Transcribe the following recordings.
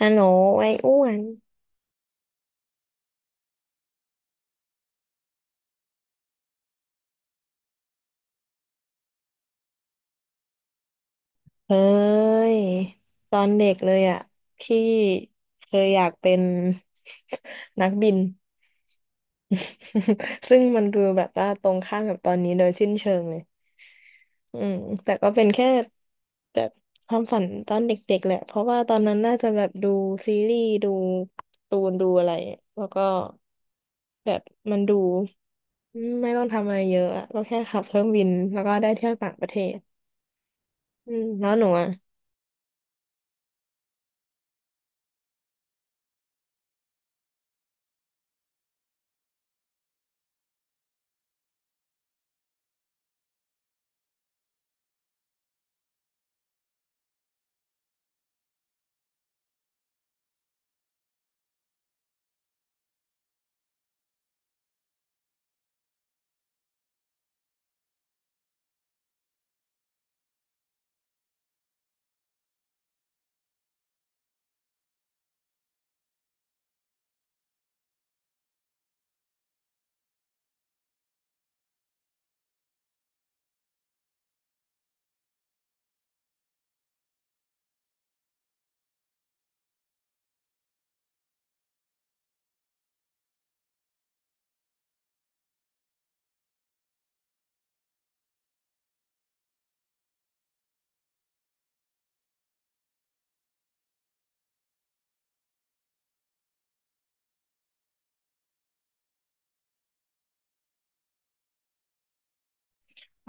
ฮัลโหลไอ้อ้วนเฮ้ยตอนเด็กเลยอ่ะพี่เคยอยากเป็น นักบิน ซึ่งมันดูแบบว่าตรงข้ามกับตอนนี้โดยสิ้นเชิงเลยอืมแต่ก็เป็นแค่แบบความฝันตอนเด็กๆแหละเพราะว่าตอนนั้นน่าจะแบบดูซีรีส์ดูการ์ตูนดูอะไรแล้วก็แบบมันดูไม่ต้องทำอะไรเยอะอะก็แค่ขับเครื่องบินแล้วก็ได้เที่ยวต่างประเทศอืมแล้วหนูอ่ะ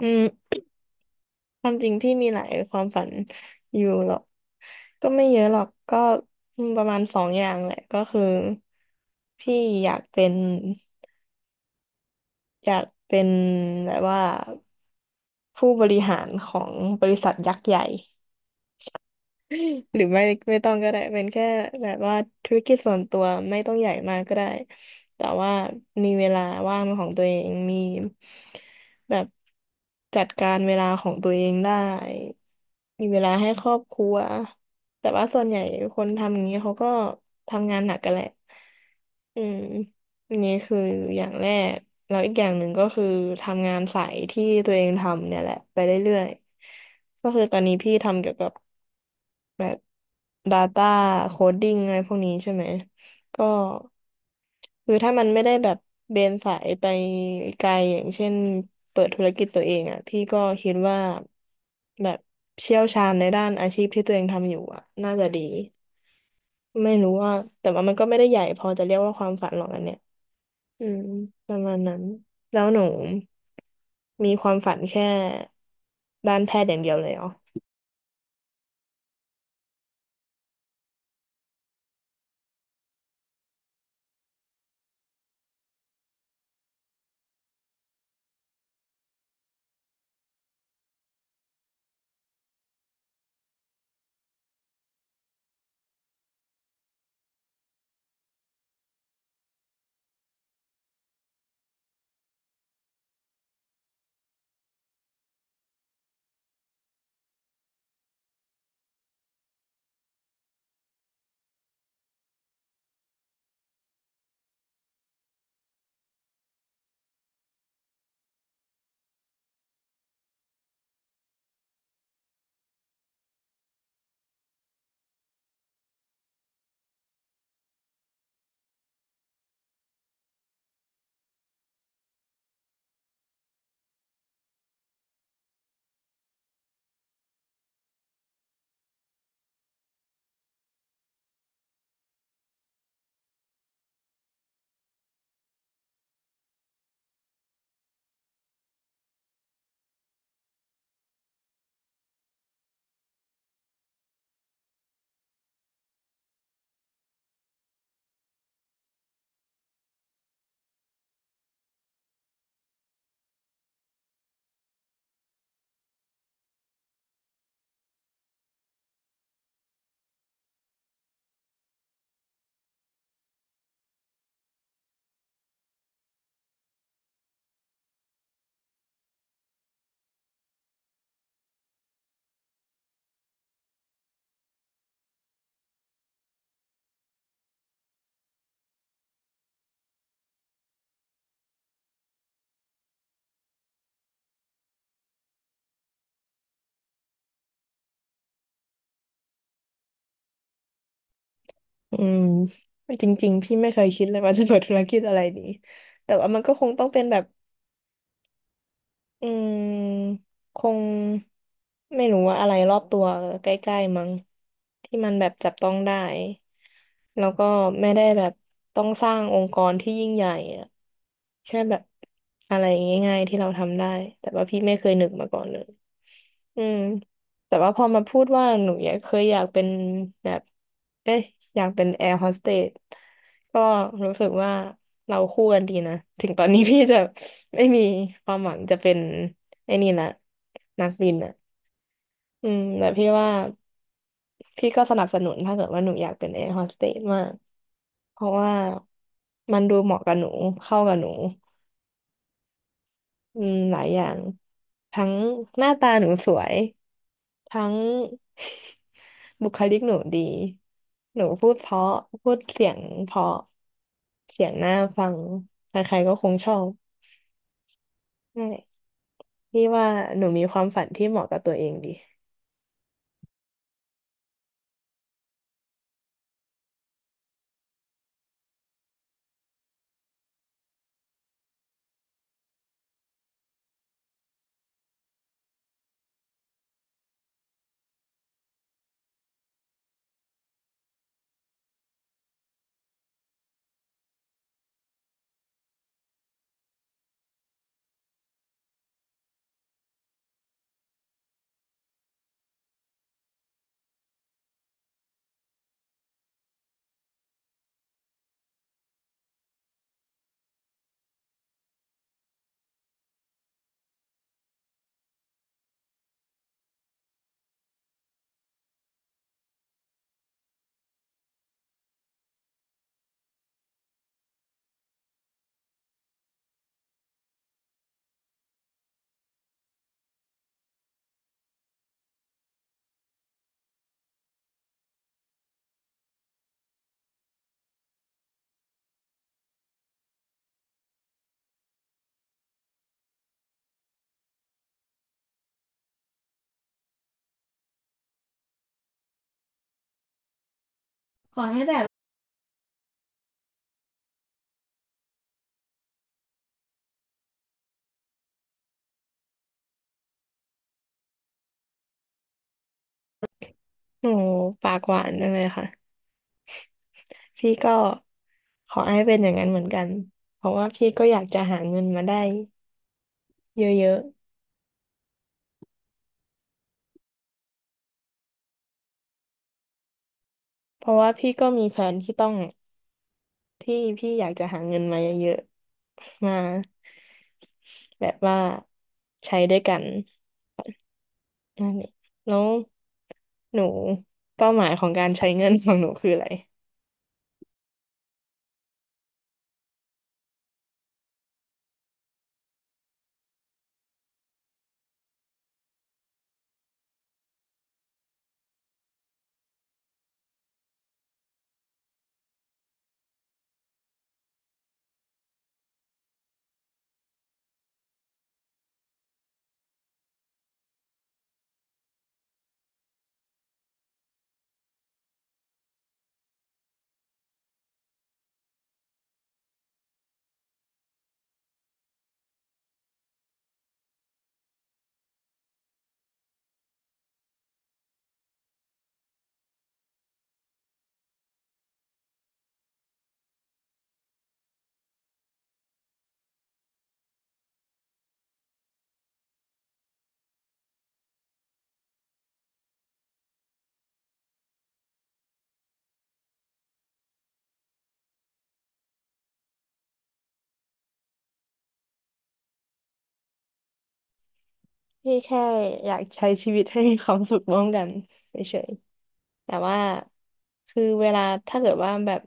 อืม ความจริงพี่มีหลายความฝันอยู่หรอกก็ไม่เยอะหรอกก็ประมาณสองอย่างแหละก็คือพี่อยากเป็นอยากเป็นแบบว่าผู้บริหารของบริษัทยักษ์ใหญ่ หรือไม่ต้องก็ได้เป็นแค่แบบว่าธุรกิจส่วนตัวไม่ต้องใหญ่มากก็ได้แต่ว่ามีเวลาว่างเป็นของตัวเองมีแบบจัดการเวลาของตัวเองได้มีเวลาให้ครอบครัวแต่ว่าส่วนใหญ่คนทำอย่างนี้เขาก็ทำงานหนักกันแหละอืมอันนี้คืออย่างแรกแล้วอีกอย่างหนึ่งก็คือทำงานสายที่ตัวเองทำเนี่ยแหละไปเรื่อยๆก็คือตอนนี้พี่ทำเกี่ยวกับ แบบ Data Coding อะไรพวกนี้ใช่ไหมก็คือถ้ามันไม่ได้แบบเบนสายไปไกลอย่างเช่นเปิดธุรกิจตัวเองอ่ะพี่ก็คิดว่าแบบเชี่ยวชาญในด้านอาชีพที่ตัวเองทำอยู่อ่ะน่าจะดีไม่รู้ว่าแต่ว่ามันก็ไม่ได้ใหญ่พอจะเรียกว่าความฝันหรอกอันเนี้ยอืมประมาณนั้นแล้วหนูมีความฝันแค่ด้านแพทย์อย่างเดียวเลยเหรอ อืมจริงๆพี่ไม่เคยคิดเลยว่าจะเปิดธุรกิจอะไรดีแต่ว่ามันก็คงต้องเป็นแบบอืมคงไม่รู้ว่าอะไรรอบตัวใกล้ๆมั้งที่มันแบบจับต้องได้แล้วก็ไม่ได้แบบต้องสร้างองค์กรที่ยิ่งใหญ่อะแค่แบบอะไรง่ายๆที่เราทำได้แต่ว่าพี่ไม่เคยนึกมาก่อนเลย อืมแต่ว่าพอมาพูดว่าหนูอยากเคยอยากเป็นแบบเอ๊ะอยากเป็นแอร์โฮสเตสก็รู้สึกว่าเราคู่กันดีนะถึงตอนนี้พี่จะไม่มีความหวังจะเป็นไอ้นี่ละนักบินอ่ะอืมแต่พี่ว่าพี่ก็สนับสนุนถ้าเกิดว่าหนูอยากเป็นแอร์โฮสเตสมากเพราะว่ามันดูเหมาะกับหนูเข้ากับหนูอืมหลายอย่างทั้งหน้าตาหนูสวย ทั้ง บุคลิกหนูดีหนูพูดเพราะพูดเสียงเพราะเสียงน่าฟังใครๆก็คงชอบนั่นแหละพี่ว่าหนูมีความฝันที่เหมาะกับตัวเองดีหนูปากหวานจังเลยค่ะพี่ก็ขอให้เป็นอย่างนั้นเหมือนกันเพราะว่าพี่ก็อยากจะหาเงินมาได้เยอะๆเพราะว่าพี่ก็มีแฟนที่ต้องที่พี่อยากจะหาเงินมาเยอะๆมาแบบว่าใช้ด้วยกัน นั่นเองแล้วหนูเป้าหมายของการใช้เงินของหนูคืออะไรพี่แค่อยากใช้ชีวิตให้มีความสุขร่วมกันเฉยๆแต่ว่าคือเวลาถ้าเกิดว่าแบบ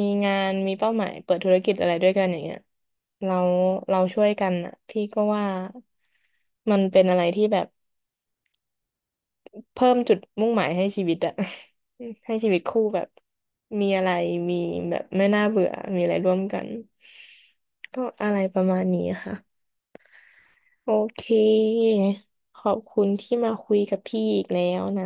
มีงานมีเป้าหมายเปิดธุรกิจอะไรด้วยกันอย่างเงี้ยเราเราช่วยกันอ่ะพี่ก็ว่ามันเป็นอะไรที่แบบ เพิ่มจุดมุ่งหมายให้ชีวิตอะ ให้ชีวิตคู่แบบมีอะไรมีแบบไม่น่าเบื่อมีอะไรร่วมกันก็อะไรประมาณนี้ค่ะโอเคขอบคุณที่มาคุยกับพี่อีกแล้วนะ